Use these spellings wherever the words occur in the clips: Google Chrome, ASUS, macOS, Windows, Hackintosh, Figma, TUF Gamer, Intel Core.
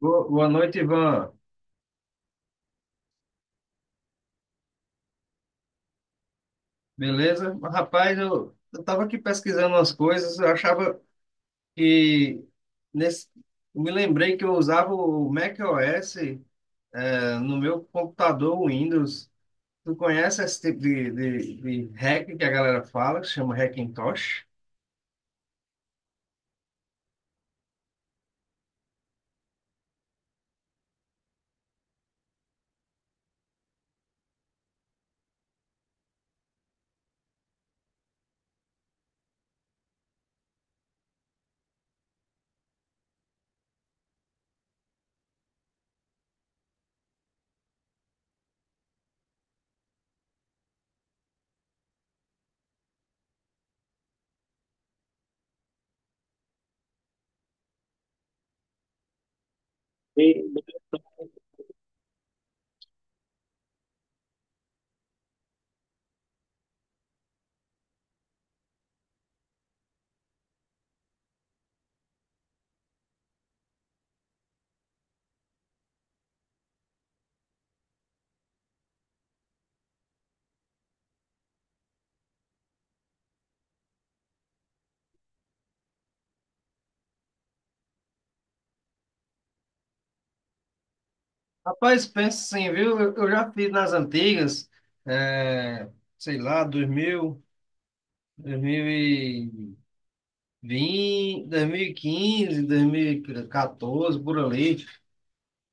Boa noite, Ivan. Beleza? Rapaz, eu tava aqui pesquisando umas coisas, eu achava que nesse, eu me lembrei que eu usava o macOS no meu computador Windows. Tu conhece esse tipo de hack que a galera fala, que chama Hackintosh? E- Rapaz, pensa assim, viu? Eu já fiz nas antigas, eh, sei lá, dois mil e quinze, dois mil e vinte 2000, 2020, 2015, 2014, por ali,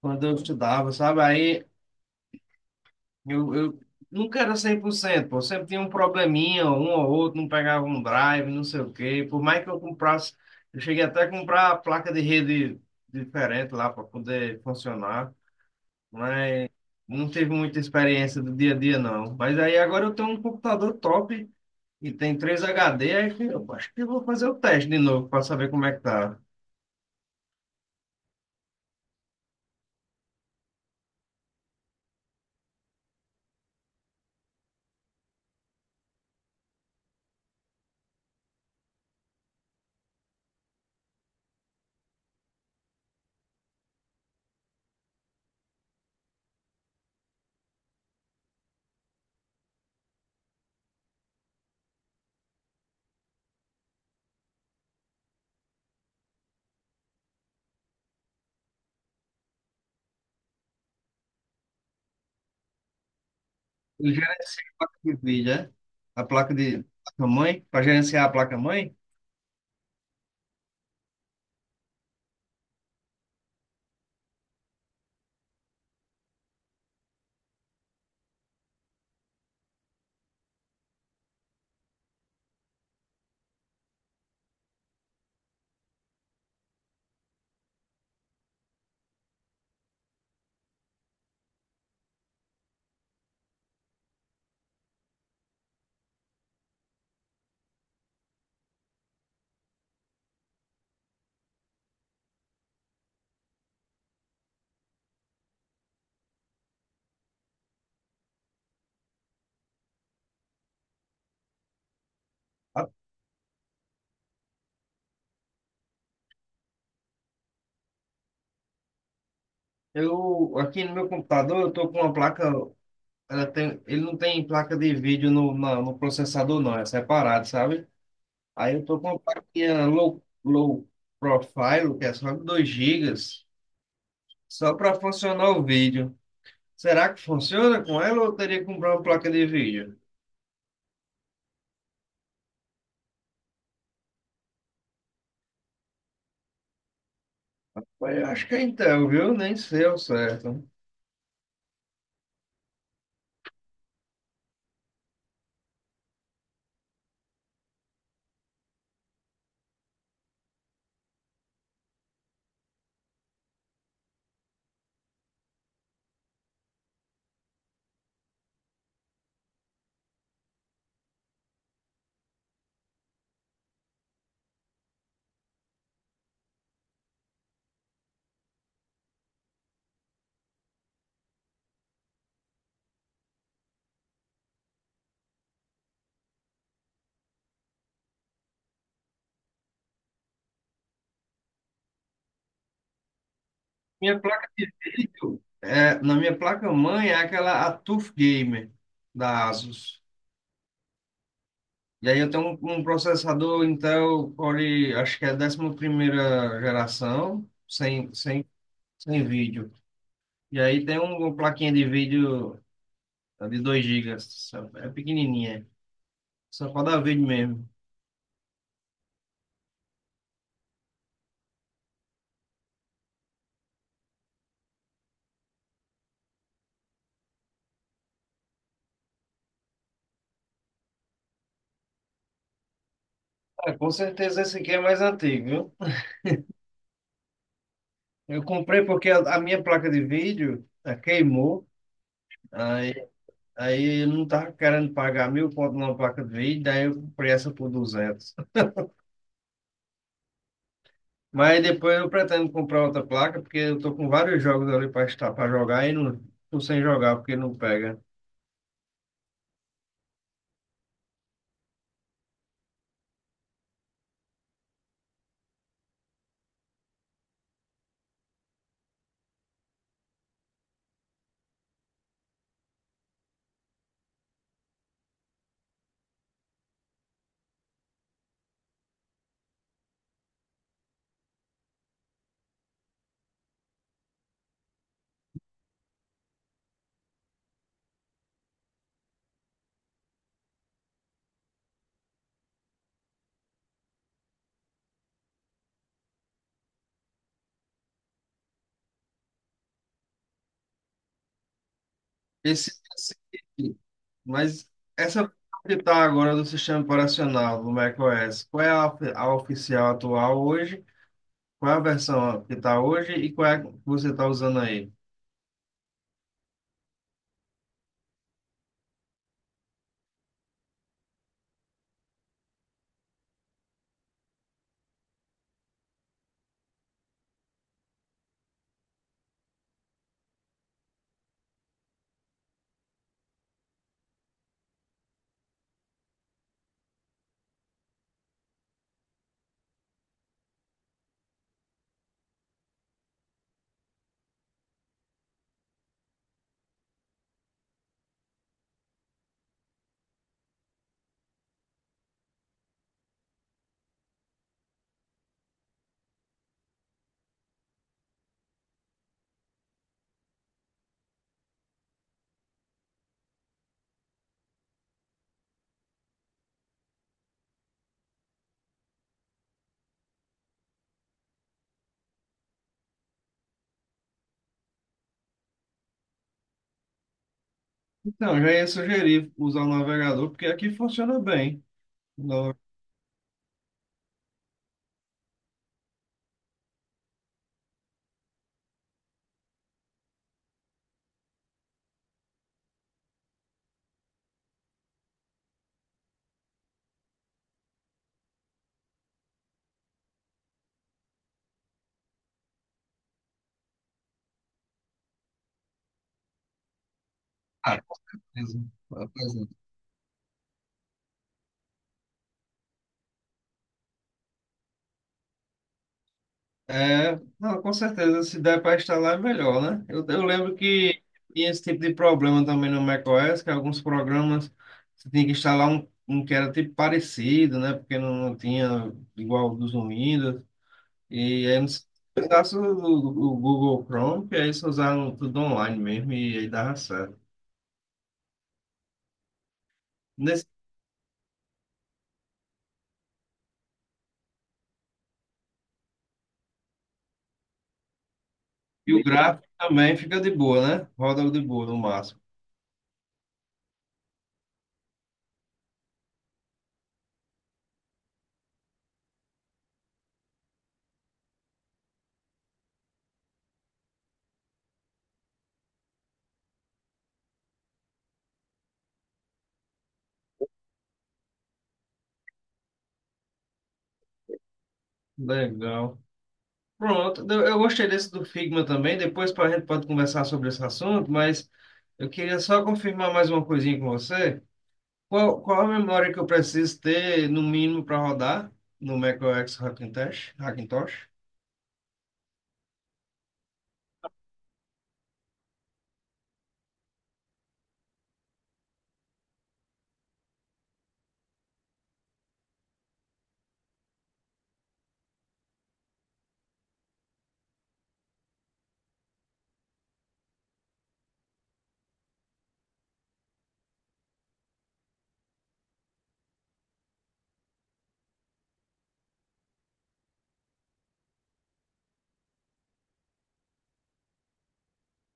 quando eu estudava, sabe? Aí eu nunca era 100%, pô. Sempre tinha um probleminha, um ou outro, não pegava um drive, não sei o quê. Por mais que eu comprasse, eu cheguei até a comprar a placa de rede diferente lá para poder funcionar, mas não teve muita experiência do dia a dia, não. Mas aí agora eu tenho um computador top e tem 3 HD, aí que eu acho que eu vou fazer o teste de novo para saber como é que tá. Eu gerencio a placa de vídeo, né? A placa de placa-mãe, para gerenciar a placa-mãe. Eu, aqui no meu computador, eu tô com uma placa, ele não tem placa de vídeo no processador, não, é separado, sabe? Aí eu tô com uma plaquinha low profile, que é só de 2 gigas só para funcionar o vídeo. Será que funciona com ela ou eu teria que comprar uma placa de vídeo? Mas eu acho que é Intel, viu? Nem sei ao certo. Minha placa de vídeo, é, na minha placa-mãe é aquela a TUF Gamer da ASUS. E aí eu tenho um processador Intel Core, acho que é a 11ª geração, sem vídeo. E aí tem uma plaquinha de vídeo é de 2 GB, é pequenininha, só para dar vídeo mesmo. Ah, com certeza esse aqui é mais antigo, viu? Eu comprei porque a minha placa de vídeo queimou, aí, aí eu não tava querendo pagar mil conto numa placa de vídeo, daí eu comprei essa por 200. Mas depois eu pretendo comprar outra placa, porque eu tô com vários jogos ali para estar para jogar e não tô sem jogar porque não pega. Esse, esse- mas essa versão que está agora do sistema operacional do macOS, qual é a oficial atual hoje? Qual é a versão que está hoje e qual é a que você está usando aí? Então, já ia sugerir usar o navegador, porque aqui funciona bem. No... Ah, beleza. É, não, com certeza, se der para instalar é melhor, né? Eu lembro que tinha esse tipo de problema também no macOS, que alguns programas você tinha que instalar um que era tipo parecido, né? Porque não tinha igual dos no Windows. E aí eles usaram o Google Chrome, que aí eles usaram tudo online mesmo, e aí dava certo. Nesse, e o gráfico também fica de boa, né? Roda de boa no máximo. Legal. Pronto, eu gostei desse do Figma também. Depois a gente pode conversar sobre esse assunto, mas eu queria só confirmar mais uma coisinha com você. Qual a memória que eu preciso ter, no mínimo, para rodar no macOS Hackintosh? Hackintosh?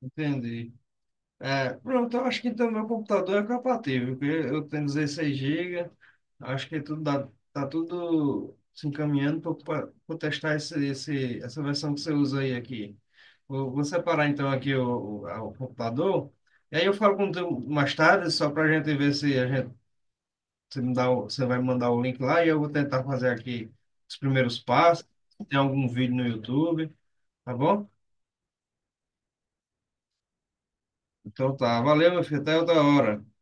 Entendi. É, pronto, eu acho que então meu computador é compatível, porque eu tenho 16 GB, acho que tudo dá, tá tudo se encaminhando para testar essa versão que você usa aí aqui. Vou separar então aqui o computador, e aí eu falo com tu mais tarde, só para a gente ver se a gente, se me dá, você vai me mandar o link lá e eu vou tentar fazer aqui os primeiros passos, se tem algum vídeo no YouTube, tá bom? Então tá, valeu, meu filho, até outra hora.